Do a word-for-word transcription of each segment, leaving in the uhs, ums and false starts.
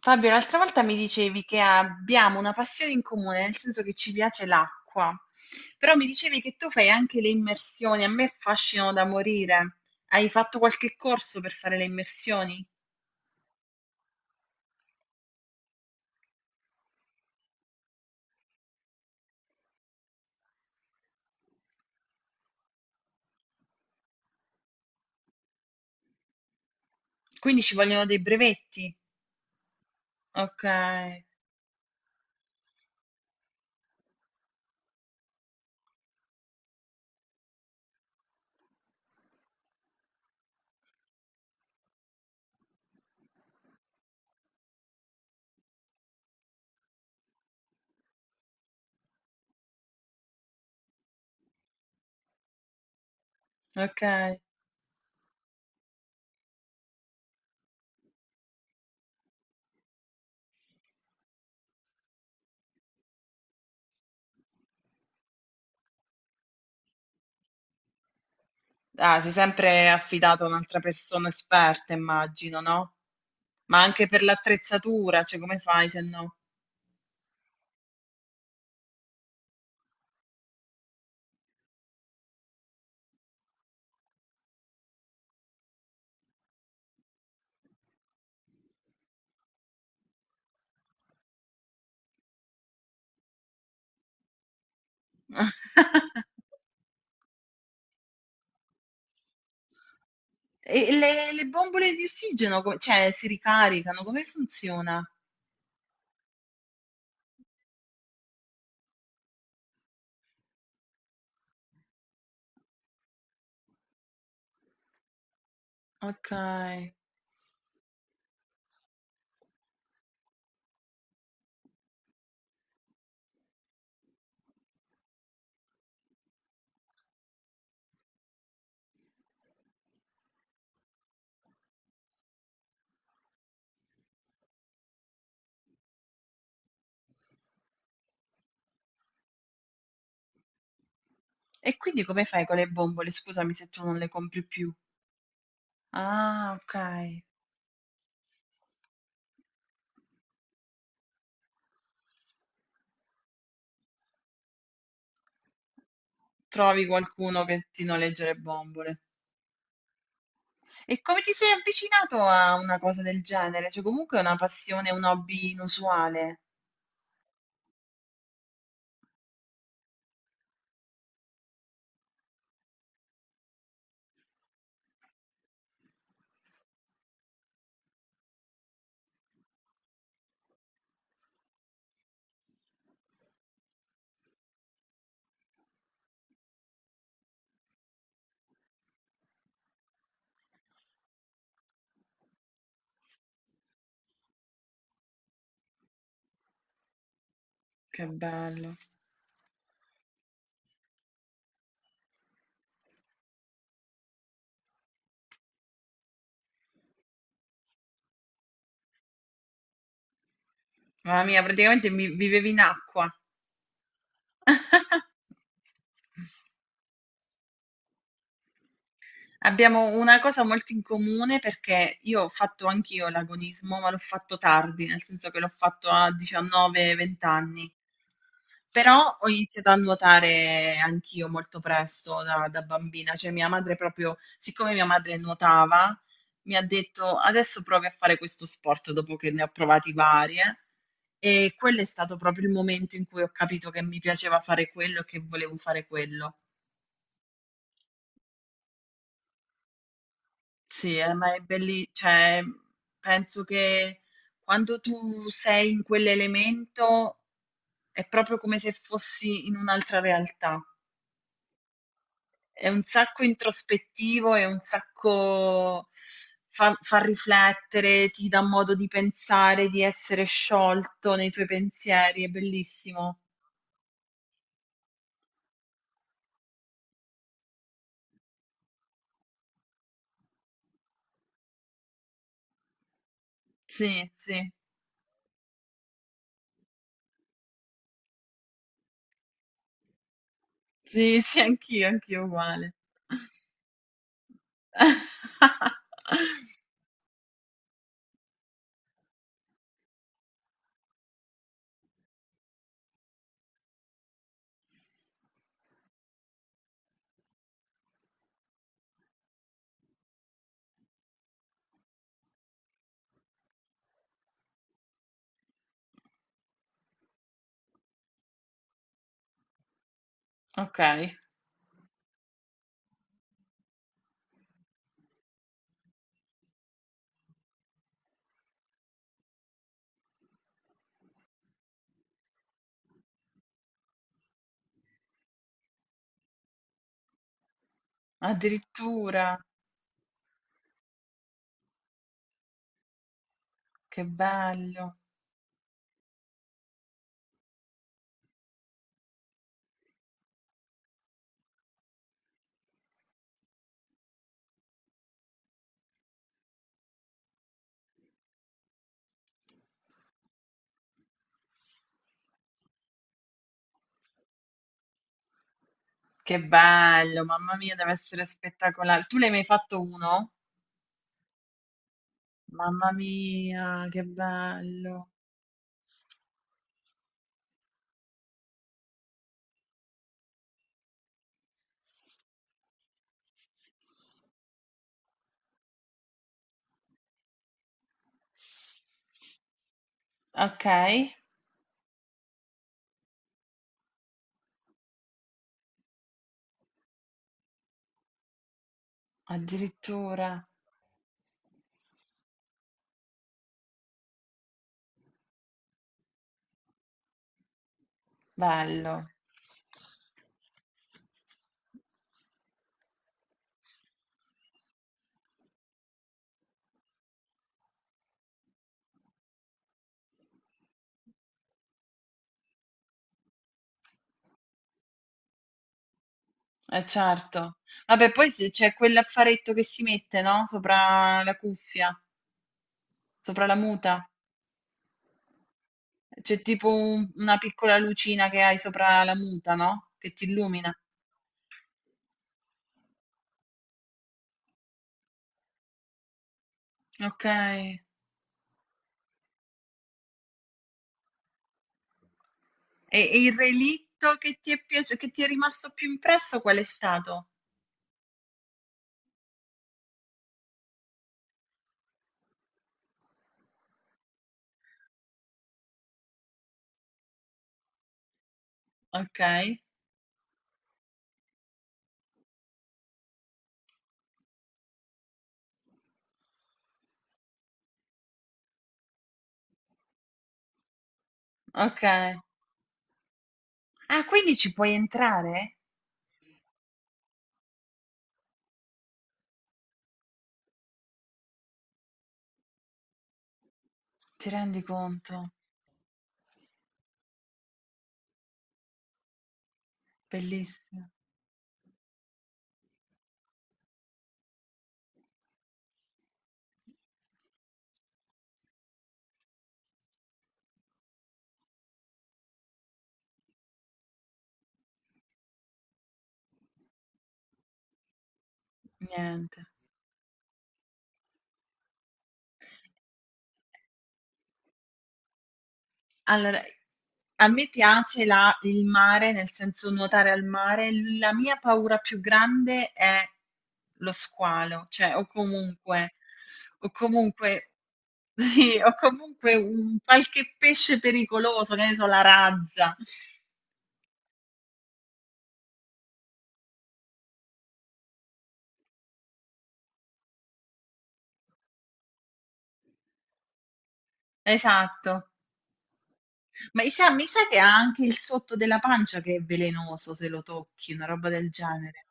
Fabio, l'altra volta mi dicevi che abbiamo una passione in comune, nel senso che ci piace l'acqua, però mi dicevi che tu fai anche le immersioni, a me affascinano da morire. Hai fatto qualche corso per fare le immersioni? Quindi ci vogliono dei brevetti. Ok, ok. Ah, sei sempre affidato a un'altra persona esperta, immagino, no? Ma anche per l'attrezzatura, cioè come fai se no? E le le bombole di ossigeno co cioè si ricaricano? Come funziona? Okay. E quindi come fai con le bombole? Scusami se tu non le compri più. Ah, okay. Trovi qualcuno che ti noleggia le bombole. E come ti sei avvicinato a una cosa del genere? Cioè comunque è una passione, un hobby inusuale. Che bello. Mamma mia, praticamente mi vivevi in acqua. Abbiamo una cosa molto in comune perché io ho fatto anch'io l'agonismo, ma l'ho fatto tardi, nel senso che l'ho fatto a diciannove vent anni. Però ho iniziato a nuotare anch'io molto presto da, da bambina, cioè mia madre proprio, siccome mia madre nuotava, mi ha detto adesso provi a fare questo sport dopo che ne ho provati varie. E quello è stato proprio il momento in cui ho capito che mi piaceva fare quello e che volevo fare quello. Sì, eh, ma è belli cioè, penso che quando tu sei in quell'elemento è proprio come se fossi in un'altra realtà. È un sacco introspettivo, è un sacco fa, fa riflettere, ti dà modo di pensare, di essere sciolto nei tuoi pensieri, è bellissimo. Sì, sì, sì, sì, anch'io, anch'io uguale. Ok, addirittura. Che bello, che bello, mamma mia, deve essere spettacolare. Tu ne hai mai fatto uno? Mamma mia, che bello. Ok, addirittura. Bello, eh certo. Vabbè, poi se c'è quell'affaretto che si mette, no? Sopra la cuffia, sopra la muta. C'è tipo un- una piccola lucina che hai sopra la muta, no? Che ti illumina. Ok. E, e il relitto che ti è piaciuto, che ti è rimasto più impresso, qual è stato? Okay, okay. Ah, quindi ci puoi entrare? Ti rendi conto? Bellissimo. Niente. Allora, a me piace la il mare, nel senso nuotare al mare. La mia paura più grande è lo squalo, cioè o comunque o comunque sì, o comunque un qualche pesce pericoloso, che ne so, la razza. Esatto. Ma i sa mi sa che ha anche il sotto della pancia che è velenoso se lo tocchi, una roba del genere.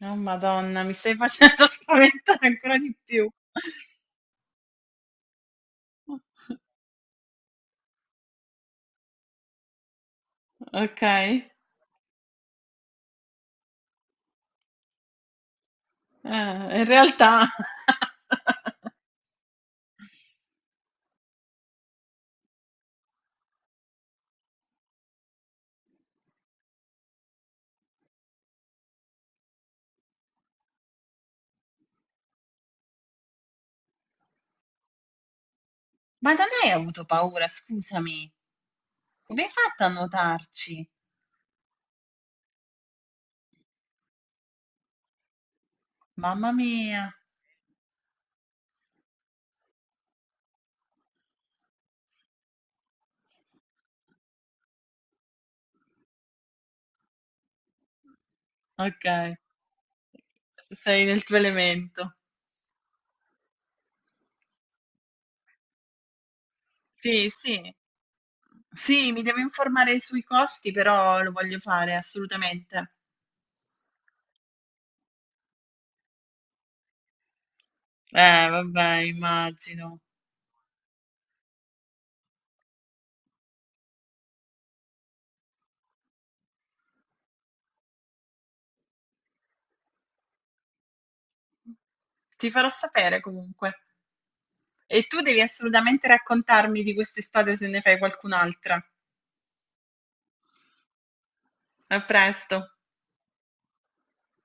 Oh Madonna, mi stai facendo spaventare ancora di più. Ok, eh, in realtà. Ma da lei ha avuto paura, scusami. Come hai fatto a notarci? Mamma mia. Ok, sei nel tuo elemento. Sì, sì. Sì, mi devo informare sui costi, però lo voglio fare assolutamente. Eh, vabbè, immagino. Ti farò sapere comunque. E tu devi assolutamente raccontarmi di quest'estate se ne fai qualcun'altra. A presto.